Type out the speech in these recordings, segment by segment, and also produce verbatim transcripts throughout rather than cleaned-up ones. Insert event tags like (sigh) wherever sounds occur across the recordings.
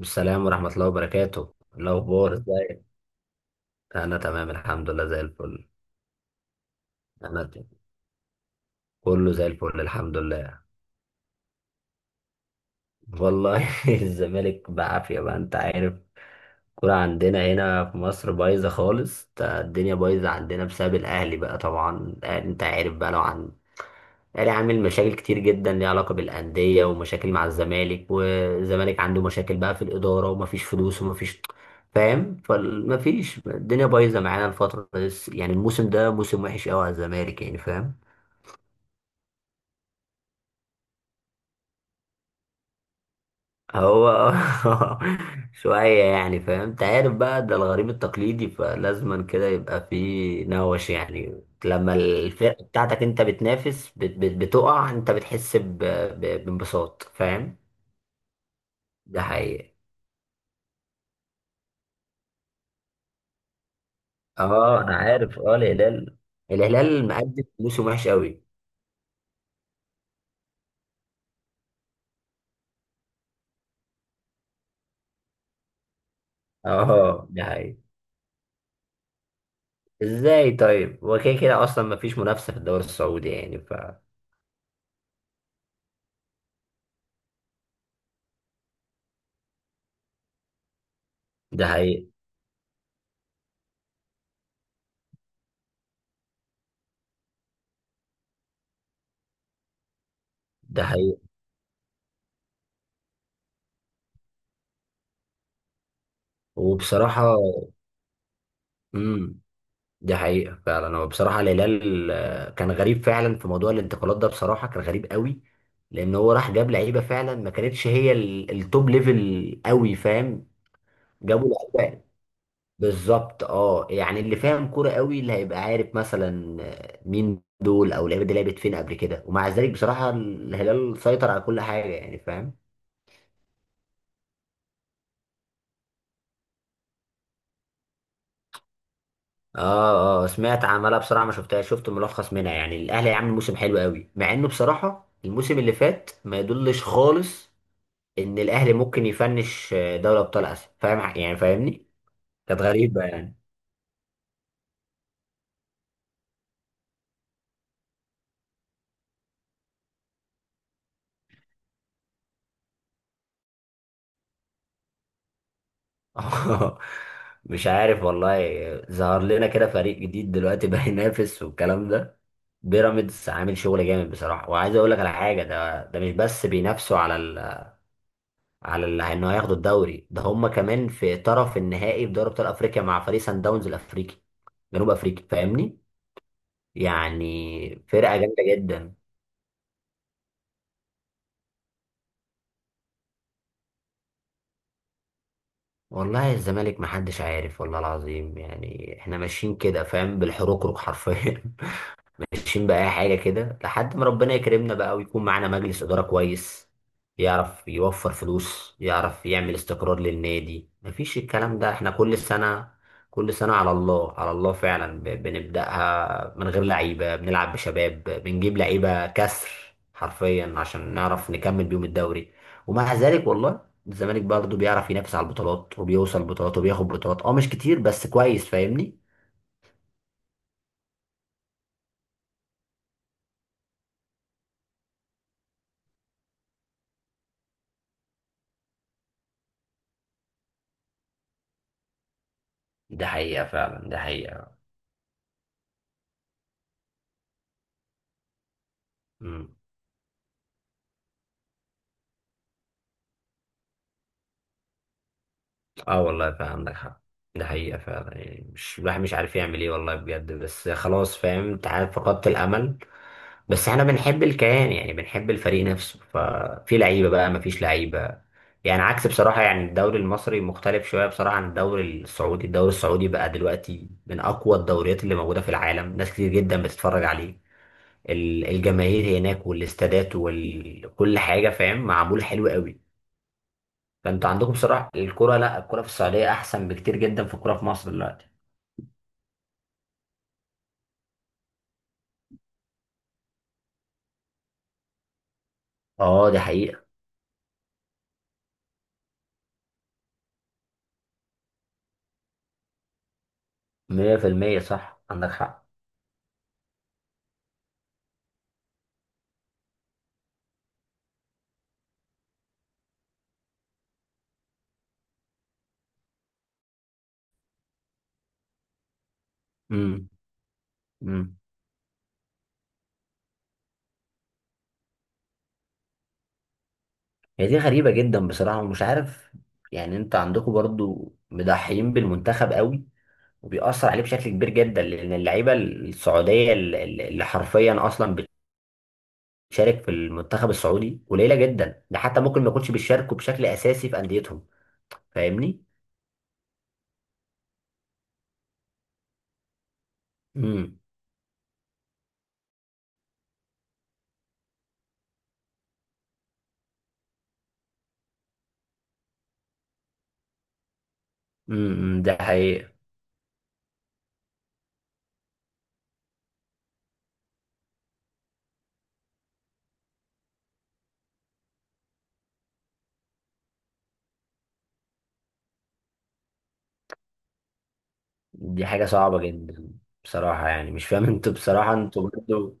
السلام ورحمة الله وبركاته. الأخبار ازيك؟ أنا تمام الحمد لله زي الفل. أنا ت- كله زي الفل الحمد لله. والله (laughs) الزمالك بعافية بقى أنت عارف. الكورة عندنا هنا في مصر بايظة خالص، تا- الدنيا بايظة عندنا بسبب الأهلي بقى. طبعا الأهلي أنت عارف بقى، لو عن الاهلي، عامل مشاكل كتير جدا ليها علاقه بالانديه، ومشاكل مع الزمالك. والزمالك عنده مشاكل بقى في الاداره، ومفيش فلوس ومفيش، فاهم، فمفيش، الدنيا بايظه معانا الفتره دي. يعني الموسم ده موسم وحش قوي على الزمالك، يعني فاهم. هو (laughs) شويه يعني، فاهم انت عارف بقى، ده الغريم التقليدي، فلازما كده يبقى في نوش. يعني لما الفرقه بتاعتك انت بتنافس بت- بت- بتقع، انت بتحس ب- ب- بانبساط، فاهم. ده حقيقي. اه انا عارف. اه الهلال، الهلال مقدم موسم وحش قوي. اه ده حقيقي. ازاي طيب؟ هو كده كده اصلا مفيش منافسه في الدوري السعودي، يعني ف. ده حقيقي. ده حقيقي. وبصراحه، امم ده حقيقه فعلا. هو بصراحه الهلال آه، كان غريب فعلا في موضوع الانتقالات ده، بصراحه كان غريب قوي. لان هو راح جاب لعيبه فعلا ما كانتش هي ال- التوب ليفل قوي، فاهم. جابوا لعيبه. بالظبط اه، يعني اللي فاهم كوره قوي اللي هيبقى عارف مثلا مين دول او اللعيبه دي لعبت فين قبل كده. ومع ذلك بصراحه الهلال سيطر على كل حاجه، يعني فاهم. اه اه سمعت، عمالة بصراحه ما شفتها، شفت ملخص منها. يعني الاهلي عامل موسم حلو قوي، مع انه بصراحه الموسم اللي فات ما يدلش خالص ان الاهلي ممكن يفنش دوري ابطال اسيا، فاهم يعني فاهمني. كانت غريبه يعني. (laughs) مش عارف والله. ظهر لنا كده فريق جديد دلوقتي (laughs) بقى ينافس والكلام ده. بيراميدز عامل شغل جامد بصراحه. وعايز اقول لك على حاجه، ده ده مش بس بينافسوا على ال... على ال... انه هياخدوا الدوري، ده هم كمان في طرف النهائي في دوري ابطال افريقيا مع فريق سان داونز الافريقي، جنوب افريقيا، فاهمني. يعني فرقه جامده جدا. والله الزمالك محدش عارف، والله العظيم. يعني احنا ماشيين كده فاهم، بالحروق حرفيا. ماشيين بأي حاجة كده لحد ما ربنا يكرمنا بقى، ويكون معانا مجلس إدارة كويس يعرف يوفر فلوس، يعرف يعمل استقرار للنادي. مفيش الكلام ده، احنا كل سنة، كل سنة على الله على الله فعلا ب- بنبدأها من غير لعيبة، بنلعب بشباب، بنجيب لعيبة كسر حرفيا عشان نعرف نكمل بيهم الدوري. ومع ذلك والله الزمالك برضه بيعرف ينافس على البطولات، وبيوصل بطولات وبياخد بطولات، اه مش كتير بس كويس، فاهمني. ده حقيقة فعلا. ده حقيقة. مم. اه والله فعلا عندك حق. ده حقيقة فعلا. يعني مش الواحد مش عارف يعمل ايه والله بجد. بس خلاص فاهم، انت عارف، فقدت الأمل. بس احنا بنحب الكيان، يعني بنحب الفريق نفسه. ففي لعيبة بقى مفيش لعيبة. يعني عكس بصراحة. يعني الدوري المصري مختلف شوية بصراحة عن الدوري السعودي. الدوري السعودي بقى دلوقتي من أقوى الدوريات اللي موجودة في العالم، ناس كتير جدا بتتفرج عليه. ال- الجماهير هناك والاستادات وكل حاجة، فاهم، معمول حلو قوي. فانتوا عندكم بصراحه الكوره، لا الكوره في السعوديه احسن بكتير جدا في الكوره في مصر دلوقتي. اه دي حقيقه. مية في المية صح عندك حق. امم امم هي دي غريبه جدا بصراحه ومش عارف. يعني انت عندكم برضو مضحيين بالمنتخب قوي، وبيأثر عليه بشكل كبير جدا. لان اللعيبه السعوديه اللي اللي حرفيا اصلا بتشارك في المنتخب السعودي قليله جدا، ده حتى ممكن ما يكونش بيشاركوا بشكل اساسي في انديتهم، فاهمني. امم امم ده حقيقي. دي حاجة صعبة جدا. بصراحة يعني مش فاهم انتوا، بصراحة انتوا برضو،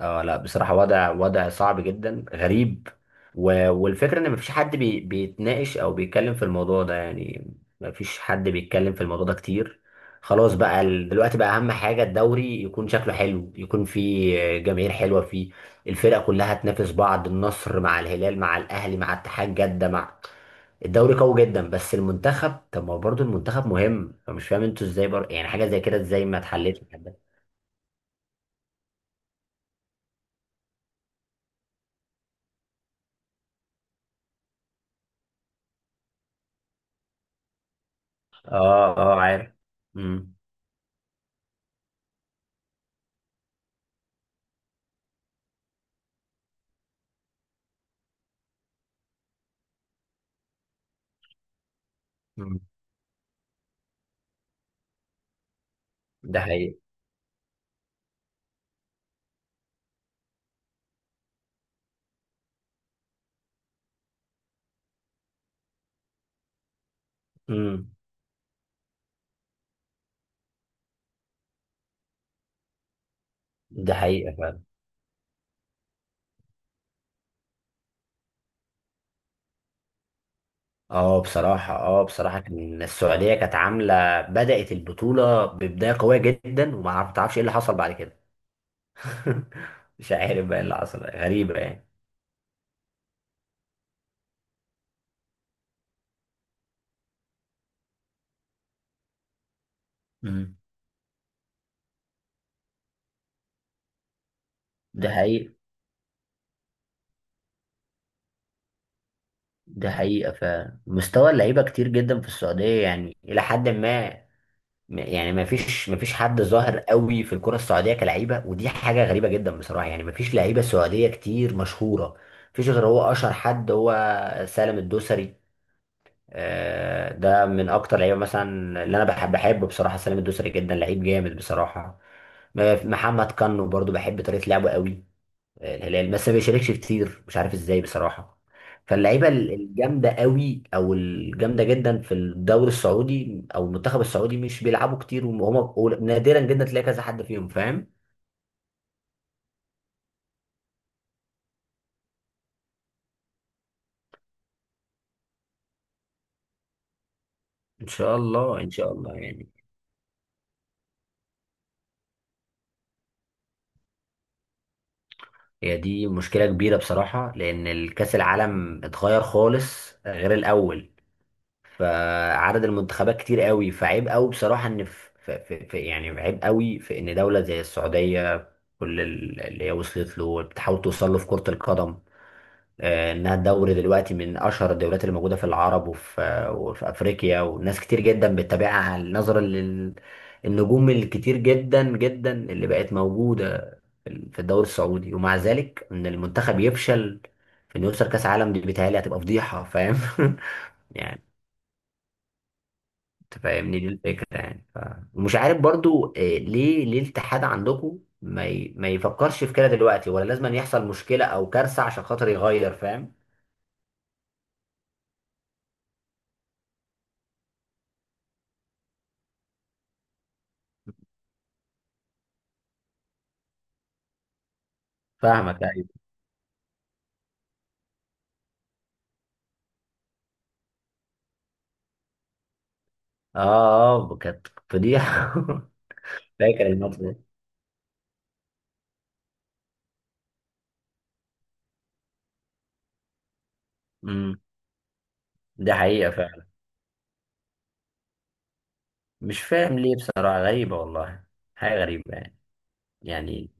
اه لا بصراحة وضع وضع صعب جدا غريب. و... والفكرة ان مفيش حد بي... بيتناقش او بيتكلم في الموضوع ده، يعني مفيش حد بيتكلم في الموضوع ده كتير. خلاص بقى، ال- دلوقتي بقى اهم حاجة الدوري يكون شكله حلو، يكون فيه جماهير حلوة، فيه الفرق كلها تنافس بعض، النصر مع الهلال مع الاهلي مع اتحاد جدة مع، الدوري قوي جدا. بس المنتخب، طب ما هو برضه المنتخب مهم. فمش فاهم انتوا ازاي برضه يعني حاجة زي كده ازاي ما اتحلتش لحد دلوقتي؟ اه اه عارف. امم ده حقيقة. امم ده حقيقة فعلا. اه بصراحة اه بصراحة كان السعودية كانت عاملة بدأت البطولة ببداية قوية جدا، وما تعرفش ايه اللي حصل بعد كده. (laughs) مش عارف بقى ايه اللي حصل، غريبة يعني. امم ده حقيقة. ده حقيقة. فمستوى اللعيبة كتير جدا في السعودية يعني إلى حد ما. ما- يعني ما فيش ما فيش حد ظاهر قوي في الكرة السعودية كلعيبة، ودي حاجة غريبة جدا بصراحة. يعني ما فيش لعيبة سعودية كتير مشهورة. ما فيش غير هو، أشهر حد هو سالم الدوسري. آه، ده من اكتر لعيبه مثلا اللي انا بحب بحب بصراحه. سلام الدوسري جدا لعيب جامد بصراحه. م- محمد كانو برضو بحب طريقه لعبه قوي. آه، الهلال بس ما بيشاركش كتير، مش عارف ازاي بصراحه. فاللعيبه ال- الجامده قوي او الجامده جدا في الدوري السعودي او المنتخب السعودي مش بيلعبوا كتير، وهم نادرا جدا تلاقي كذا حد فيهم، فاهم. ان شاء الله، ان شاء الله يعني. هي دي مشكله كبيره بصراحه، لان الكاس العالم اتغير خالص غير الاول. فعدد المنتخبات كتير قوي، فعيب قوي بصراحة ان في, في, في يعني عيب قوي في ان دولة زي السعودية كل ال- اللي هي وصلت له بتحاول توصل له في كرة القدم، آه، انها الدوري دلوقتي من اشهر الدوريات اللي موجودة في العرب وفي آه، وفي افريقيا، وناس كتير جدا بتتابعها نظرا للنجوم الكتير جدا جدا اللي بقت موجودة في في الدوري السعودي. ومع ذلك ان المنتخب يفشل في انه يوصل كاس عالم، دي بيتهيألي هتبقى فضيحة، فاهم (laughs) يعني تفهمني دي الفكرة، يعني ف. ومش عارف برضو، آه، ليه ليه الاتحاد عندكم ما ي... ما يفكرش في كده دلوقتي، ولا لازم أن يحصل مشكلة او كارثة عشان خاطر يغير، فاهم. فاهمك ايوه. اه اه كانت فضيحة (laughs) فاكر الماتش ده. امم ده حقيقة فعلا. مش فاهم ليه بصراحة غريبة والله. حاجة غريبة يعني. يعني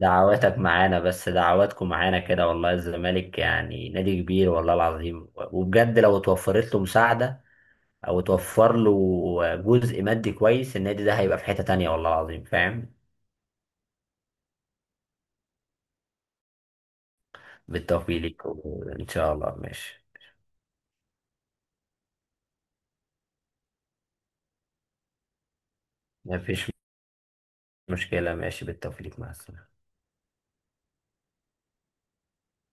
دعواتك معانا، بس دعواتكم معانا كده، والله الزمالك يعني نادي كبير والله العظيم. وبجد لو اتوفرت له مساعدة او توفر له جزء مادي كويس، النادي ده هيبقى في حتة تانية، والله العظيم، فاهم. بالتوفيق ليك ان شاء الله، ماشي. مفيش مشكلة، ماشي بالتوفيق ليك، مع السلامة.